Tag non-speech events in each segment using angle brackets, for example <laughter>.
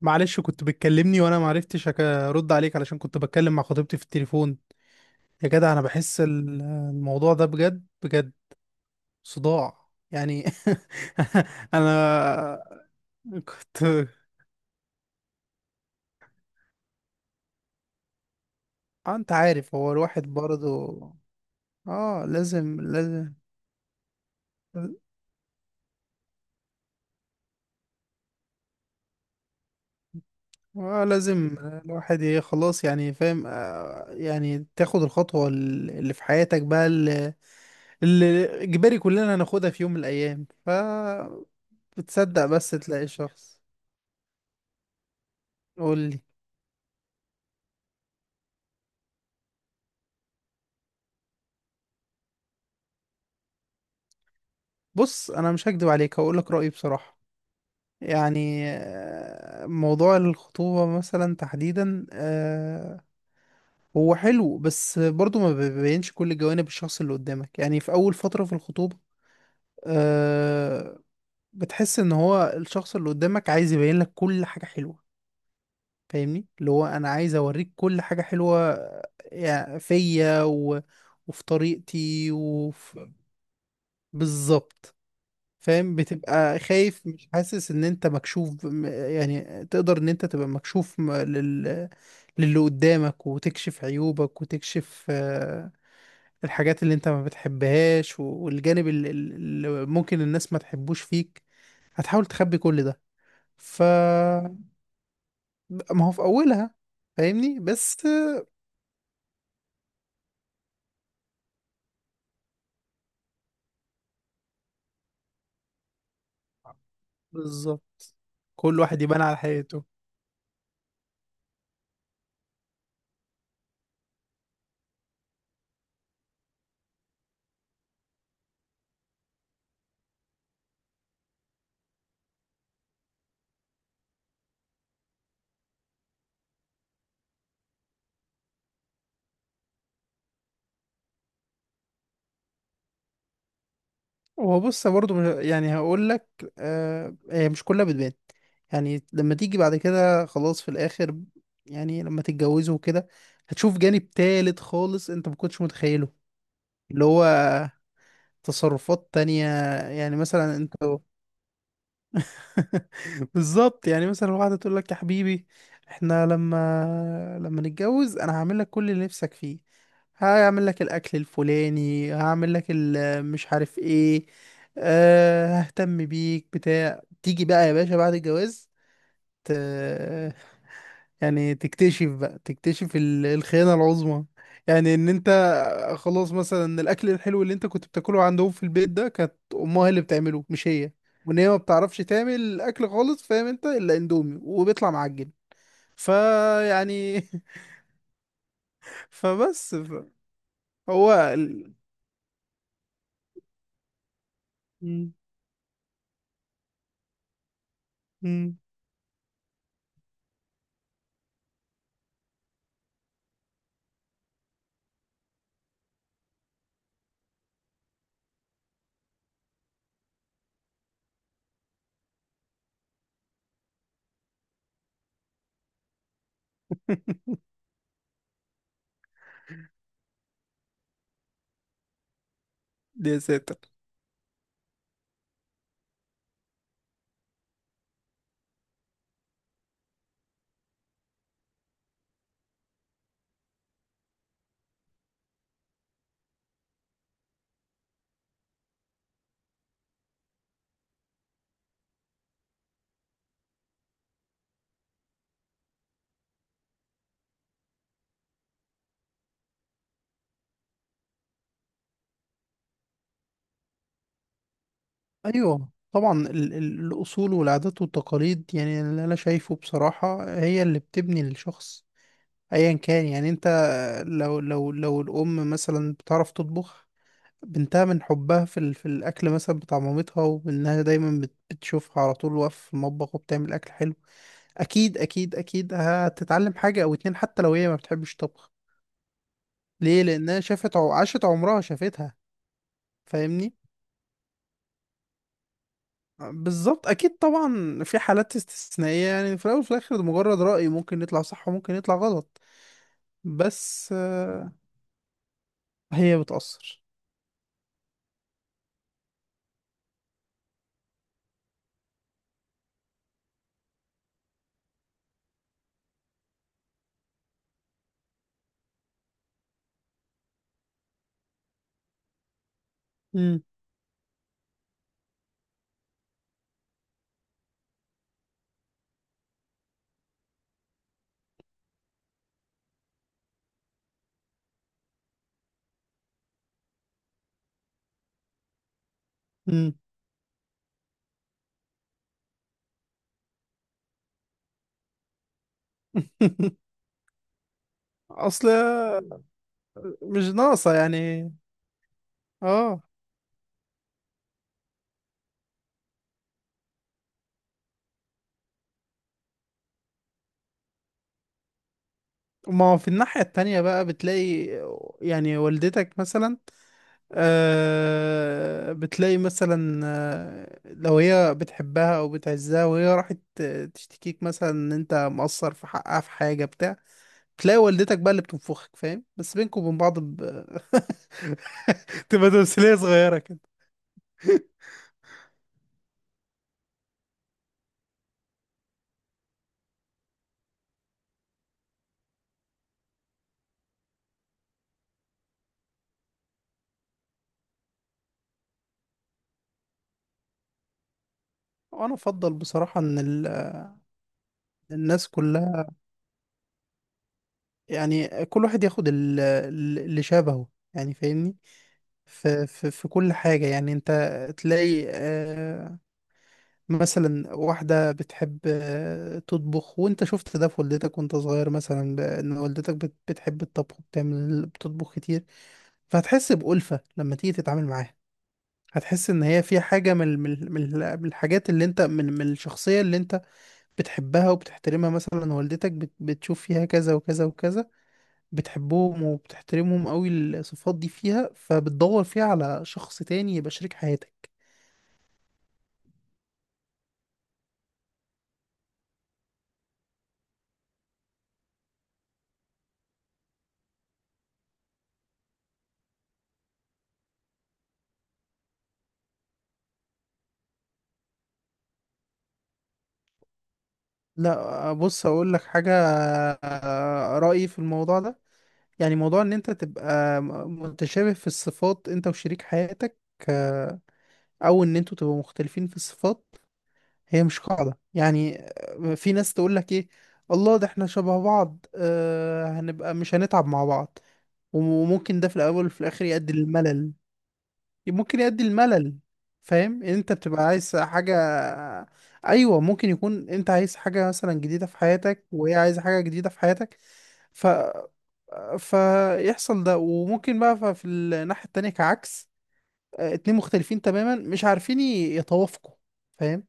معلش، كنت بتكلمني وانا معرفتش ارد عليك علشان كنت بتكلم مع خطيبتي في التليفون. يا جدع، انا بحس الموضوع ده بجد بجد، صداع يعني. <laughs> انا كنت. انت عارف هو الواحد برضه اه لازم لازم. اه لازم. الواحد ايه خلاص يعني فاهم، يعني تاخد الخطوة اللي في حياتك بقى، اللي إجباري كلنا هناخدها في يوم من الأيام. ف بتصدق بس تلاقي شخص. قول لي. بص، أنا مش هكدب عليك، هقول لك رأيي بصراحة. يعني موضوع الخطوبة مثلا تحديدا، هو حلو بس برضو ما بيبينش كل جوانب الشخص اللي قدامك، يعني في أول فترة في الخطوبة. آه، بتحس إن هو الشخص اللي قدامك عايز يبين لك كل حاجة حلوة. فاهمني، اللي هو انا عايز اوريك كل حاجة حلوة يعني فيا وفي طريقتي وفي بالظبط. فاهم، بتبقى خايف، مش حاسس ان انت مكشوف يعني تقدر ان انت تبقى مكشوف للي قدامك، وتكشف عيوبك، وتكشف الحاجات اللي انت ما بتحبهاش والجانب اللي ممكن الناس ما تحبوش فيك، هتحاول تخبي كل ده. ف ما هو في اولها. فاهمني بس. بالظبط، كل واحد يبان على حقيقته. هو بص برضه يعني هقول لك، هي مش كلها بتبان. يعني لما تيجي بعد كده خلاص في الاخر، يعني لما تتجوزوا وكده هتشوف جانب تالت خالص انت ما كنتش متخيله، اللي هو تصرفات تانية. يعني مثلا انت. <laughs> بالظبط. يعني مثلا واحدة تقول لك يا حبيبي، احنا لما نتجوز انا هعمل لك كل اللي نفسك فيه، هعمل لك الاكل الفلاني، هعمل لك مش عارف ايه. أه، ههتم بيك بتاع. تيجي بقى يا باشا بعد الجواز. آه، يعني تكتشف بقى، تكتشف الخيانة العظمى. يعني ان انت خلاص، مثلا الاكل الحلو اللي انت كنت بتاكله عندهم في البيت ده كانت امها هي اللي بتعمله، مش هي. وان هي ما بتعرفش تعمل اكل خالص، فاهم انت؟ الا اندومي وبيطلع معجن. فيعني <laughs> فبس هو مم. مم. <laughs> يا ساتر. ايوه طبعا الاصول والعادات والتقاليد، يعني اللي انا شايفه بصراحة هي اللي بتبني الشخص. ايا كان، يعني انت، لو الام مثلا بتعرف تطبخ، بنتها من حبها في في الاكل مثلا بتاع مامتها، وانها دايما بتشوفها على طول واقفه في المطبخ وبتعمل اكل حلو، اكيد اكيد اكيد هتتعلم حاجه او اتنين، حتى لو هي ما بتحبش طبخ. ليه؟ لانها شافت عاشت عمرها شافتها. فاهمني؟ بالظبط، اكيد طبعا في حالات استثنائيه، يعني في الاول وفي الاخر ده مجرد راي، ممكن يطلع صح وممكن يطلع غلط. بس هي بتاثر. امم. <laughs> اصل مش ناقصة يعني. اه، ما هو في الناحية التانية بقى بتلاقي، يعني والدتك مثلا بتلاقي مثلا، لو هي بتحبها او بتعزها، وهي راحت تشتكيك مثلا ان انت مقصر في حقها في حاجة بتاع، تلاقي والدتك بقى اللي بتنفخك، فاهم؟ بس بينكم وبين بعض <laughs> تبقى تمثيلية صغيرة كده. وانا افضل بصراحة ان الناس كلها، يعني كل واحد ياخد اللي شبهه، يعني فاهمني، في كل حاجة. يعني انت تلاقي مثلا واحدة بتحب تطبخ، وانت شفت ده في والدتك وانت صغير مثلا، ان والدتك بتحب الطبخ، بتعمل، بتطبخ كتير. فهتحس بألفة لما تيجي تتعامل معاها. هتحس ان هي في حاجة من الحاجات اللي انت من الشخصية اللي انت بتحبها وبتحترمها. مثلا والدتك بتشوف فيها كذا وكذا وكذا، بتحبهم وبتحترمهم قوي الصفات دي فيها، فبتدور فيها على شخص تاني يبقى شريك حياتك. لا، بص اقول لك حاجة. رأيي في الموضوع ده، يعني موضوع ان انت تبقى متشابه في الصفات انت وشريك حياتك، آه، او ان انتوا تبقوا مختلفين في الصفات. هي مش قاعدة، يعني في ناس تقول لك ايه، الله ده احنا شبه بعض، هنبقى مش هنتعب مع بعض. وممكن ده في الاول وفي الاخر يؤدي للملل، ممكن يؤدي الملل. فاهم؟ انت بتبقى عايز حاجة. ايوه، ممكن يكون انت عايز حاجة مثلا جديدة في حياتك، وهي عايزة حاجة جديدة في حياتك. ف فيحصل ده، وممكن بقى في الناحية التانية كعكس، اتنين مختلفين تماما، مش عارفين يتوافقوا، فاهم؟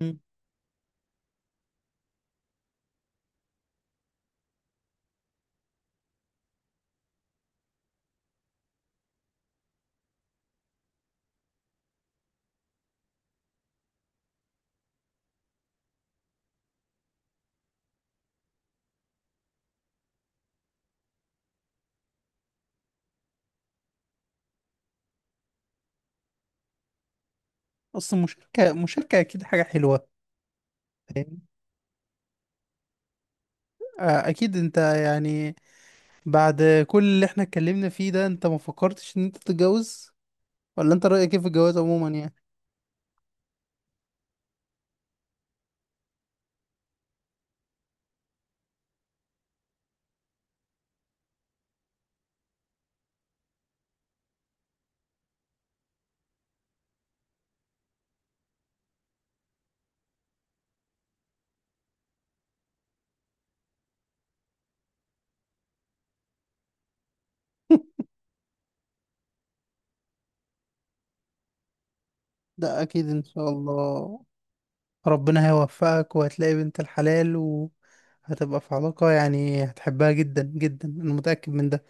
مم. اصل مشاركة مشاركة اكيد حاجة حلوة. فاهم؟ اكيد. انت يعني، بعد كل اللي احنا اتكلمنا فيه ده، انت ما فكرتش ان انت تتجوز؟ ولا انت رأيك ايه في الجواز عموما يعني؟ ده اكيد ان شاء الله، ربنا هيوفقك وهتلاقي بنت الحلال، وهتبقى في علاقة يعني هتحبها جدا جدا، انا متأكد من ده.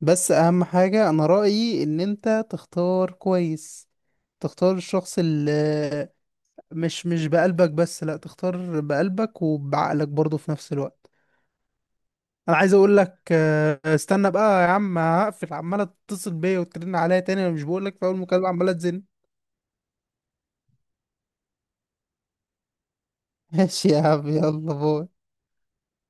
بس اهم حاجة انا رأيي ان انت تختار كويس، تختار الشخص اللي مش بقلبك بس، لا، تختار بقلبك وبعقلك برضه في نفس الوقت. انا عايز اقول لك استنى بقى يا عم، هقفل، عمالة تتصل بيا وترن عليا تاني، انا مش بقول لك في اول مكالمة عمالة تزن. <laughs> ماشي يا عم، يلا باي.